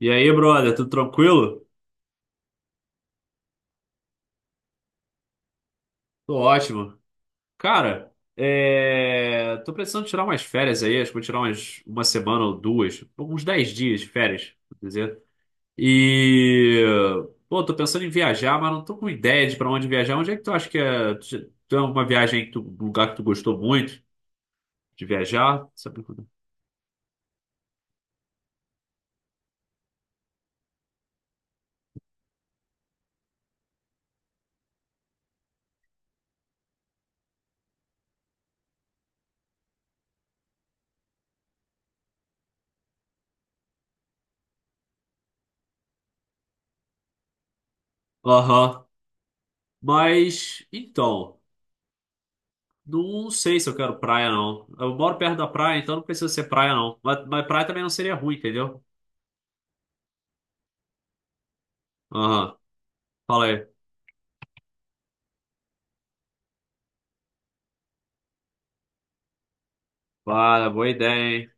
E aí, brother, tudo tranquilo? Tô ótimo. Cara, tô precisando tirar umas férias aí, acho que vou tirar uma semana ou duas, uns 10 dias de férias, vou dizer. E, pô, tô pensando em viajar, mas não tô com ideia de pra onde viajar. Onde é que tu acha que tu é uma viagem, que tu. Um lugar que tu gostou muito de viajar, sabe? Aham. Mas, então. Não sei se eu quero praia, não. Eu moro perto da praia, então não precisa ser praia, não. Mas praia também não seria ruim, entendeu? Aham. Fala aí. Para, boa ideia, hein?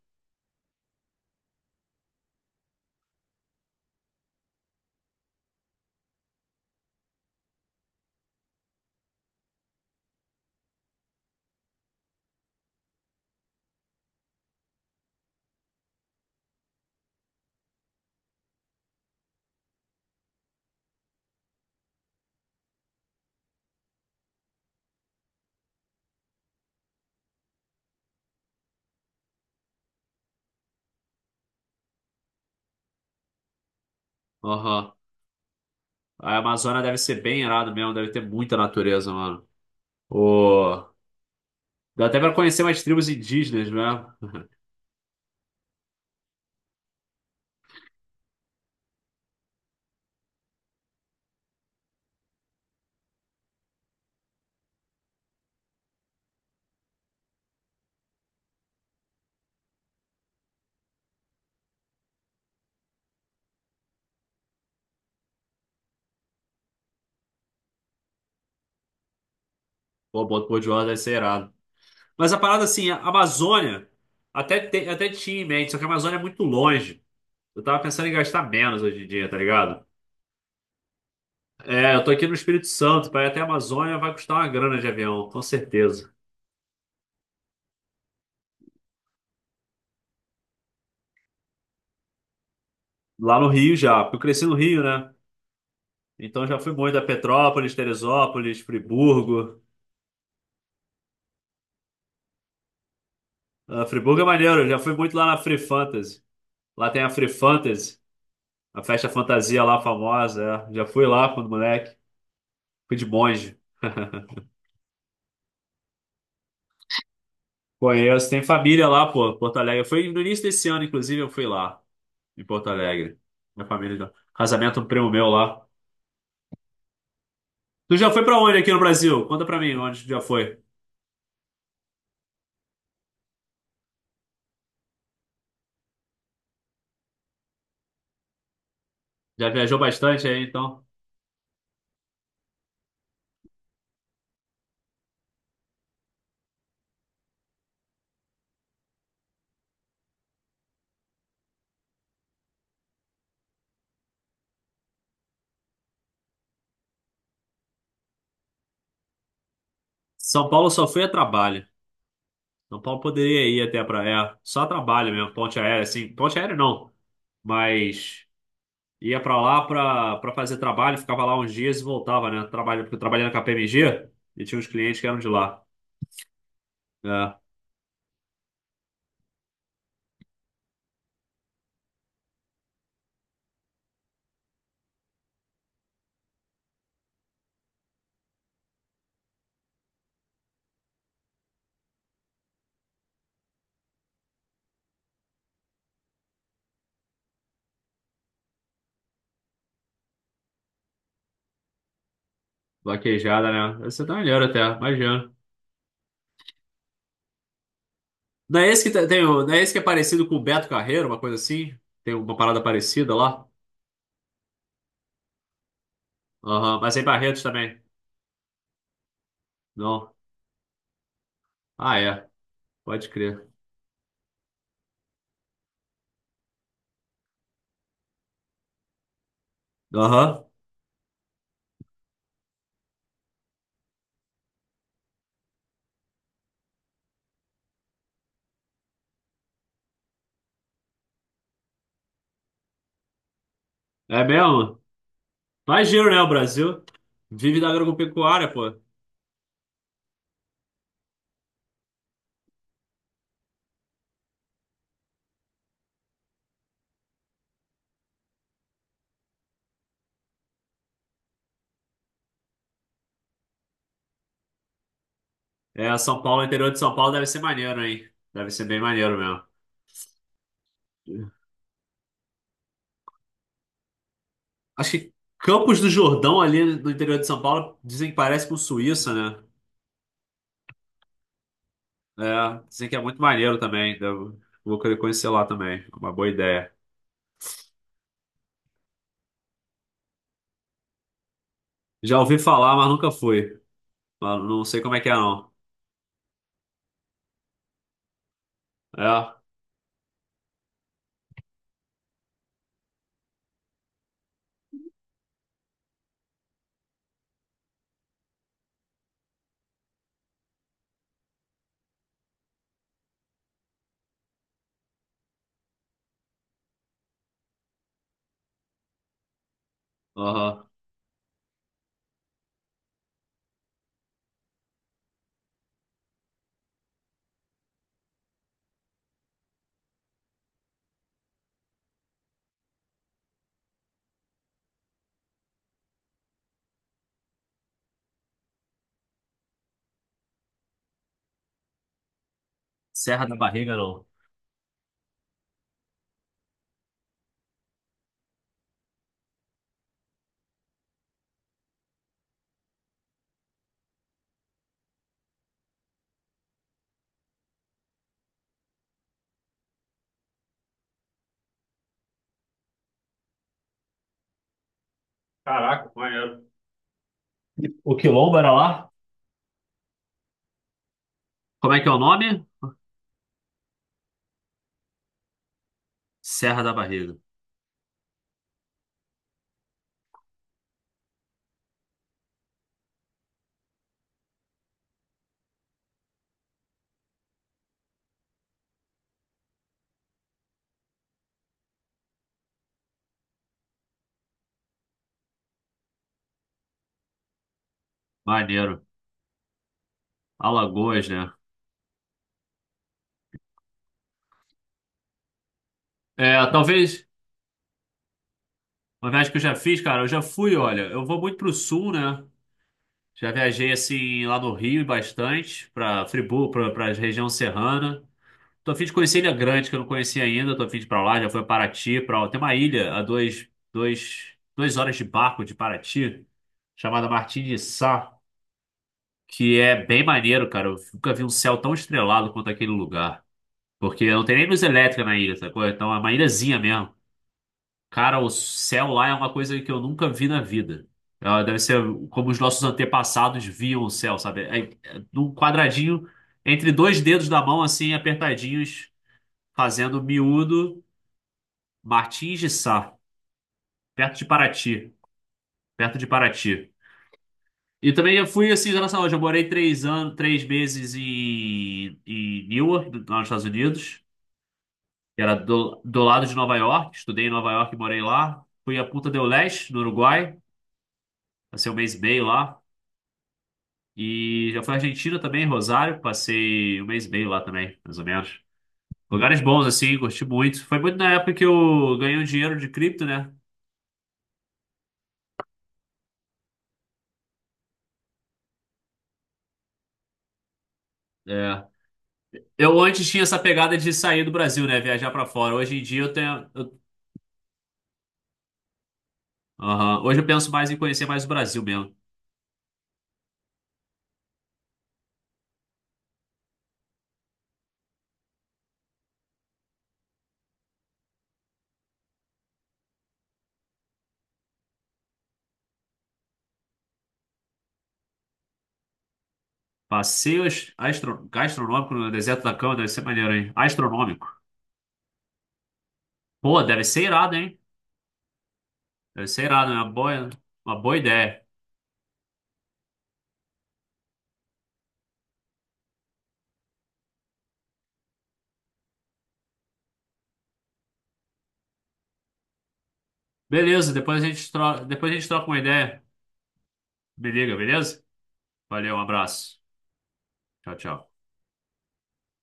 Aham. A Amazônia deve ser bem irado mesmo, deve ter muita natureza, mano. Ô, dá até pra conhecer umas tribos indígenas, né? Pô, Boto Cor-de-Rosa deve ser irado. Mas a parada assim, a Amazônia até, até tinha em mente, só que a Amazônia é muito longe. Eu tava pensando em gastar menos hoje em dia, tá ligado? É, eu tô aqui no Espírito Santo, pra ir até a Amazônia vai custar uma grana de avião, com certeza. Lá no Rio já, porque eu cresci no Rio, né? Então já fui muito a Petrópolis, Teresópolis, Friburgo. Ah, Friburgo é maneiro, eu já fui muito lá na Free Fantasy. Lá tem a Free Fantasy, a festa fantasia lá famosa. É. Já fui lá quando moleque. Fui de monge. Conheço, tem família lá, pô, Porto Alegre. Foi no início desse ano, inclusive, eu fui lá, em Porto Alegre. Minha família, já- casamento do primo meu lá. Tu já foi pra onde aqui no Brasil? Conta pra mim onde tu já foi. Já viajou bastante aí, então? São Paulo só foi a trabalho. São Paulo poderia ir até a praia. Só a trabalho mesmo, ponte aérea, assim. Ponte aérea não, mas. Ia para lá para pra fazer trabalho, ficava lá uns dias e voltava, né? Trabalho, porque eu trabalhei na KPMG e tinha uns clientes que eram de lá. É, vaquejada, né? Você tá melhor até, imagina. Não é esse que tem, não é esse que é parecido com o Beto Carreiro, uma coisa assim? Tem uma parada parecida lá? Aham, mas é em Barretos também. Não. Ah, é. Pode crer. Aham. É mesmo? Mais giro, né? O Brasil vive da agropecuária, pô. É, São Paulo, interior de São Paulo deve ser maneiro, hein? Deve ser bem maneiro mesmo. Acho que Campos do Jordão, ali no interior de São Paulo, dizem que parece com Suíça, né? É, dizem que é muito maneiro também. Vou querer conhecer lá também. É uma boa ideia. Já ouvi falar, mas nunca fui. Mas não sei como é que é, não. É, aham. Serra da Barriga, não. Caraca, maneiro. O Quilombo era lá? Como é que é o nome? Serra da Barriga. Maneiro. Alagoas, né? É, talvez uma viagem que eu já fiz, cara, eu já fui, olha, eu vou muito pro sul, né? Já viajei assim lá no Rio e bastante, para Friburgo, para a região serrana. Tô a fim de conhecer Ilha Grande, que eu não conhecia ainda. Tô a fim de ir para lá, já fui a Paraty, para tem uma ilha a 2 horas de barco de Paraty, chamada Martim de Sá, que é bem maneiro, cara. Eu nunca vi um céu tão estrelado quanto aquele lugar. Porque não tem nem luz elétrica na ilha, sacou? Então é uma ilhazinha mesmo. Cara, o céu lá é uma coisa que eu nunca vi na vida. Ela deve ser como os nossos antepassados viam o céu, sabe? É, é num quadradinho, entre dois dedos da mão, assim, apertadinhos, fazendo miúdo, Martins de Sá, perto de Paraty, perto de Paraty. E também eu fui, assim, na saúde, eu morei 3 anos, 3 meses em, Newark, nos Estados Unidos, que era do lado de Nova York, estudei em Nova York e morei lá. Fui a Punta del Este, no Uruguai, passei um mês e meio lá. E já fui à Argentina também, Rosário, passei um mês e meio lá também, mais ou menos. Lugares bons, assim, curti muito. Foi muito na época que eu ganhei o dinheiro de cripto, né? É. Eu antes tinha essa pegada de sair do Brasil, né? Viajar pra fora. Hoje em dia eu tenho. Aham. Hoje eu penso mais em conhecer mais o Brasil mesmo. Passeios gastronômico no deserto da cama, deve ser maneiro, hein? Astronômico. Pô, deve ser irado, hein? Deve ser irado, é uma boa ideia. Beleza, depois a gente troca uma ideia. Me liga, beleza? Valeu, um abraço. Tchau, tchau.